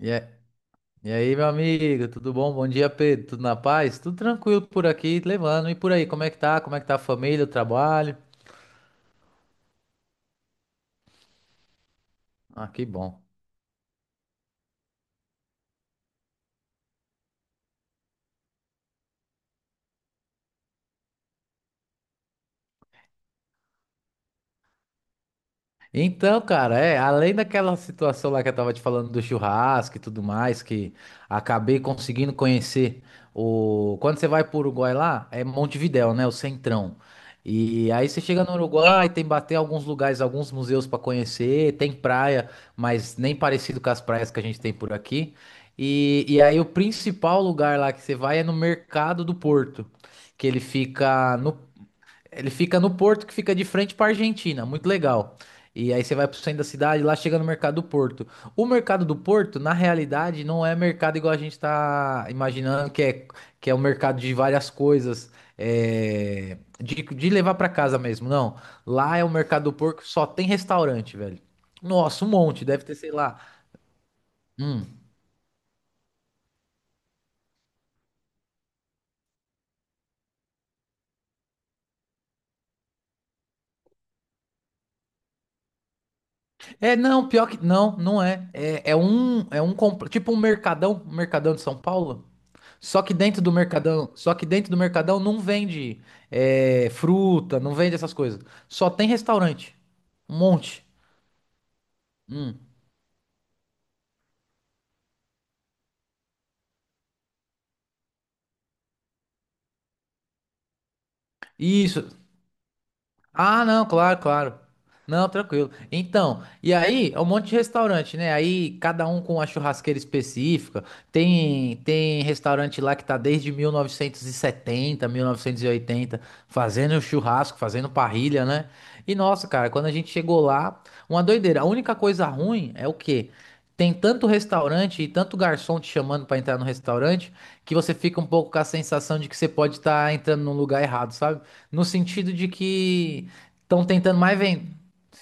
E aí, meu amigo, tudo bom? Bom dia, Pedro. Tudo na paz? Tudo tranquilo por aqui, levando. E por aí, como é que tá? Como é que tá a família, o trabalho? Ah, que bom. Então, cara, é, além daquela situação lá que eu tava te falando do churrasco e tudo mais, que acabei conseguindo conhecer o. Quando você vai pro Uruguai lá, é Montevidéu, né? O centrão. E aí você chega no Uruguai, tem bater alguns lugares, alguns museus pra conhecer, tem praia, mas nem parecido com as praias que a gente tem por aqui. E aí o principal lugar lá que você vai é no Mercado do Porto, que ele fica no porto que fica de frente para Argentina, muito legal. E aí você vai pro centro da cidade, lá chega no Mercado do Porto. O Mercado do Porto, na realidade, não é mercado igual a gente tá imaginando, que é um mercado de várias coisas, de levar para casa mesmo, não. Lá é o Mercado do Porto, só tem restaurante, velho. Nossa, um monte, deve ter, sei lá, É, não, pior que. Não, não é. Tipo um mercadão. Um mercadão de São Paulo. Só que dentro do mercadão não vende fruta, não vende essas coisas. Só tem restaurante. Um monte. Hum. Isso. Ah, não, claro, claro. Não, tranquilo. Então, e aí é um monte de restaurante, né? Aí cada um com a churrasqueira específica. Tem restaurante lá que tá desde 1970, 1980 fazendo churrasco, fazendo parrilha, né? E nossa, cara, quando a gente chegou lá, uma doideira. A única coisa ruim é o quê? Tem tanto restaurante e tanto garçom te chamando pra entrar no restaurante que você fica um pouco com a sensação de que você pode estar entrando num lugar errado, sabe? No sentido de que estão tentando mais vender.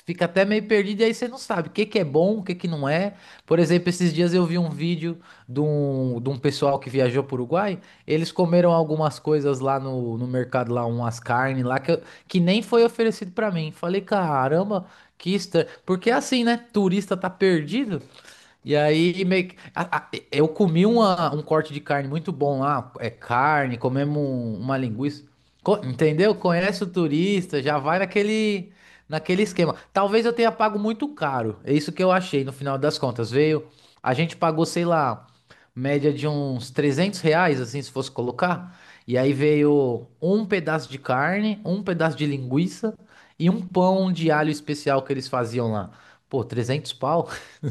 Fica até meio perdido e aí você não sabe o que que é bom, o que que não é. Por exemplo, esses dias eu vi um vídeo de um pessoal que viajou para o Uruguai. Eles comeram algumas coisas lá no mercado, lá umas carnes lá que, que nem foi oferecido para mim. Falei, caramba, que estranho. Porque é assim, né? Turista tá perdido. E aí, meio que- a- eu comi um corte de carne muito bom lá. É carne, comemos uma linguiça. Entendeu? Conhece o turista, já vai naquele esquema. Talvez eu tenha pago muito caro. É isso que eu achei no final das contas. Veio, a gente pagou, sei lá, média de uns R$ 300, assim, se fosse colocar. E aí veio um pedaço de carne, um pedaço de linguiça e um pão de alho especial que eles faziam lá. Pô, 300 pau?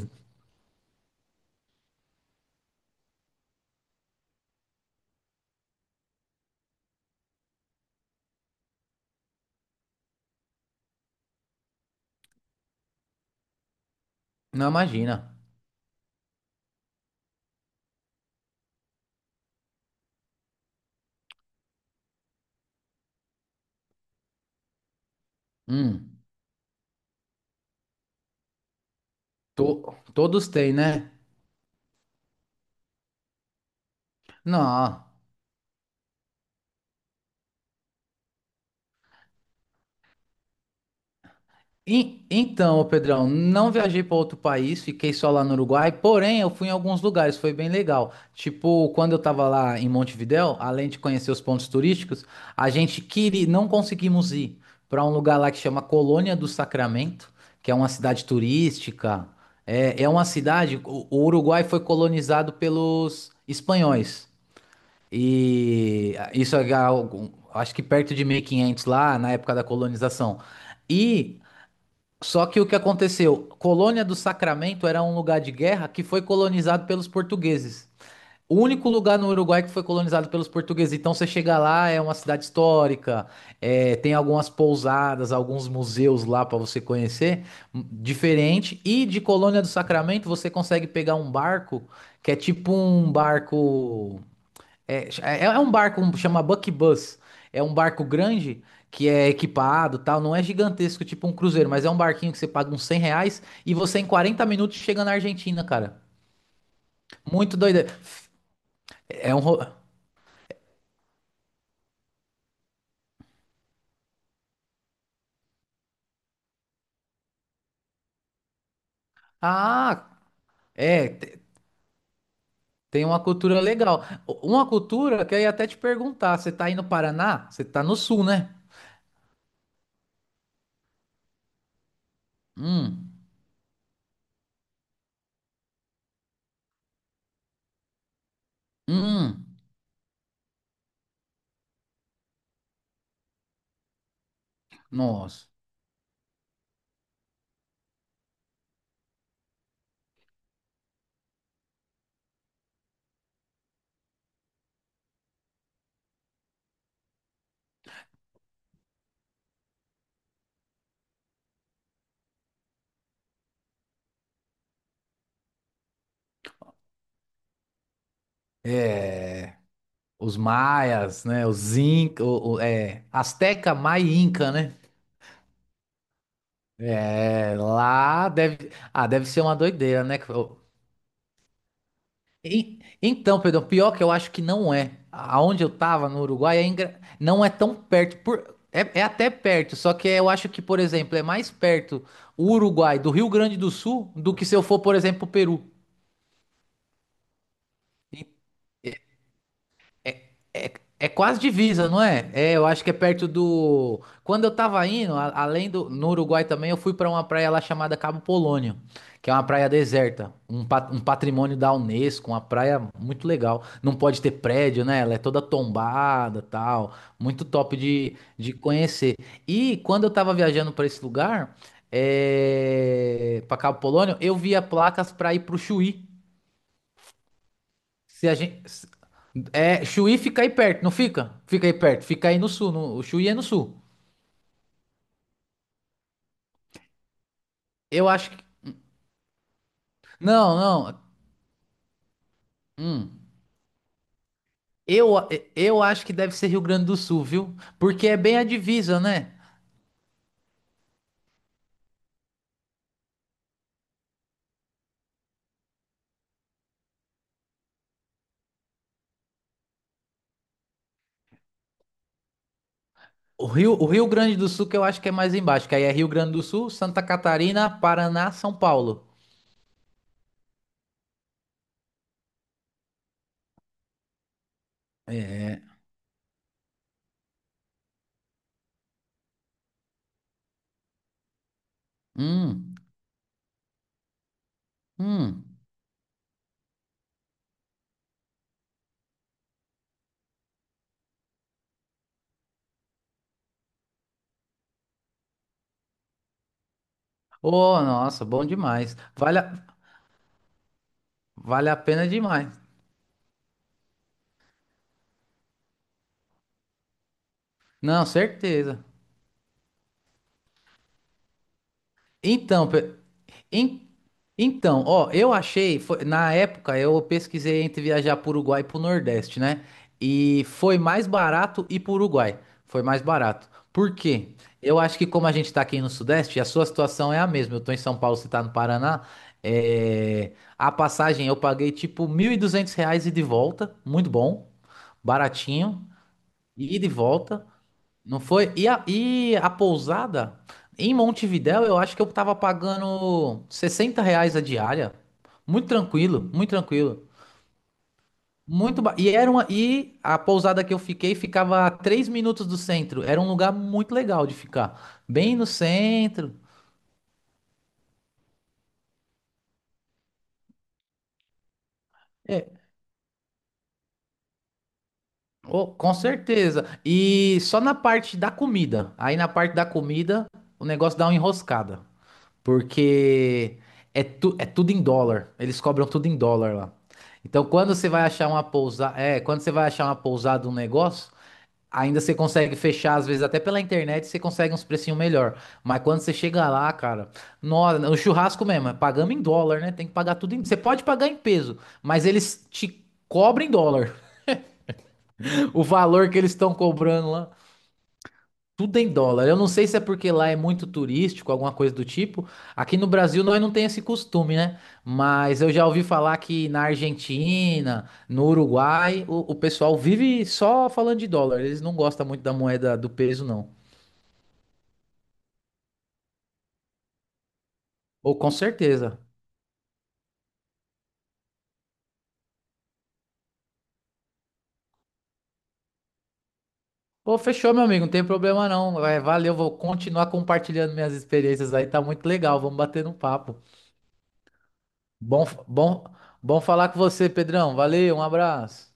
Não imagina. Hum, Todos têm, né? Não. Então, ô Pedrão, não viajei para outro país, fiquei só lá no Uruguai, porém eu fui em alguns lugares, foi bem legal. Tipo, quando eu tava lá em Montevidéu, além de conhecer os pontos turísticos, a gente queria, não conseguimos ir para um lugar lá que chama Colônia do Sacramento, que é uma cidade turística. É, é uma cidade, o Uruguai foi colonizado pelos espanhóis. E isso é algo, acho que perto de 1500 lá, na época da colonização. E só que o que aconteceu? Colônia do Sacramento era um lugar de guerra que foi colonizado pelos portugueses. O único lugar no Uruguai que foi colonizado pelos portugueses. Então você chega lá, é uma cidade histórica, é, tem algumas pousadas, alguns museus lá para você conhecer, diferente. E de Colônia do Sacramento você consegue pegar um barco que é tipo um barco. Chama Buck Bus. É um barco grande que é equipado, tal. Não é gigantesco, tipo um cruzeiro, mas é um barquinho que você paga uns R$ 100 e você em 40 minutos chega na Argentina, cara. Muito doido. É é um. ro- Ah, é. Tem uma cultura legal. Uma cultura que eu ia até te perguntar. Você tá aí no Paraná? Você tá no sul, né? Hum, hum. Nossa. É. Os maias, né? Os Inca, Azteca, Maia e Inca, né? É, lá deve. Ah, deve ser uma doideira, né? Então, Pedro, pior que eu acho que não é. Aonde eu tava, no Uruguai, não é tão perto. É, é até perto, só que eu acho que, por exemplo, é mais perto o Uruguai do Rio Grande do Sul do que se eu for, por exemplo, pro Peru. É, é quase divisa, não é? É, eu acho que é perto do. Quando eu tava indo, além do. No Uruguai também, eu fui pra uma praia lá chamada Cabo Polônio, que é uma praia deserta, um patrimônio da Unesco, uma praia muito legal. Não pode ter prédio, né? Ela é toda tombada, tal. Muito top de conhecer. E quando eu tava viajando pra esse lugar, pra Cabo Polônio, eu via placas pra ir pro Chuí. Se a gente. Se- É, Chuí fica aí perto, não fica? Fica aí perto, fica aí no sul. O Chuí é no sul. Eu acho que. Não, não. Hum. Eu, eu acho que deve ser Rio Grande do Sul, viu? Porque é bem a divisa, né? O Rio Grande do Sul que eu acho que é mais embaixo, que aí é Rio Grande do Sul, Santa Catarina, Paraná, São Paulo. É. Hum, hum. Oh, nossa, bom demais. Vale a pena demais. Não, certeza. Então, en- então, ó, eu achei, na época eu pesquisei entre viajar para Uruguai e para o Nordeste, né? E foi mais barato ir para Uruguai. Foi mais barato. Por quê? Eu acho que como a gente está aqui no Sudeste, a sua situação é a mesma. Eu tô em São Paulo, você tá no Paraná. A passagem eu paguei tipo R$ 1.200 e de volta, muito bom, baratinho, e de volta. Não foi? E a pousada em Montevidéu, eu acho que eu tava pagando R$ 60 a diária. Muito tranquilo, muito tranquilo. E era e a pousada que eu fiquei ficava a 3 minutos do centro. Era um lugar muito legal de ficar. Bem no centro. É, oh, com certeza. E só na parte da comida. Aí na parte da comida, o negócio dá uma enroscada. Porque é tudo em dólar. Eles cobram tudo em dólar lá. Então, quando você vai achar uma pousada, um negócio, ainda você consegue fechar, às vezes até pela internet, você consegue uns precinhos melhor. Mas quando você chega lá, cara, nossa, o churrasco mesmo, é pagamos em dólar, né? Tem que pagar tudo em, você pode pagar em peso, mas eles te cobram em dólar. O valor que eles estão cobrando lá. Tudo em dólar. Eu não sei se é porque lá é muito turístico, alguma coisa do tipo. Aqui no Brasil nós não tem esse costume, né? Mas eu já ouvi falar que na Argentina, no Uruguai, o pessoal vive só falando de dólar. Eles não gostam muito da moeda do peso, não. Ou com certeza. Ô, fechou, meu amigo. Não tem problema não. É, valeu, vou continuar compartilhando minhas experiências aí. Tá muito legal. Vamos bater um papo. Bom, bom, bom falar com você, Pedrão. Valeu, um abraço.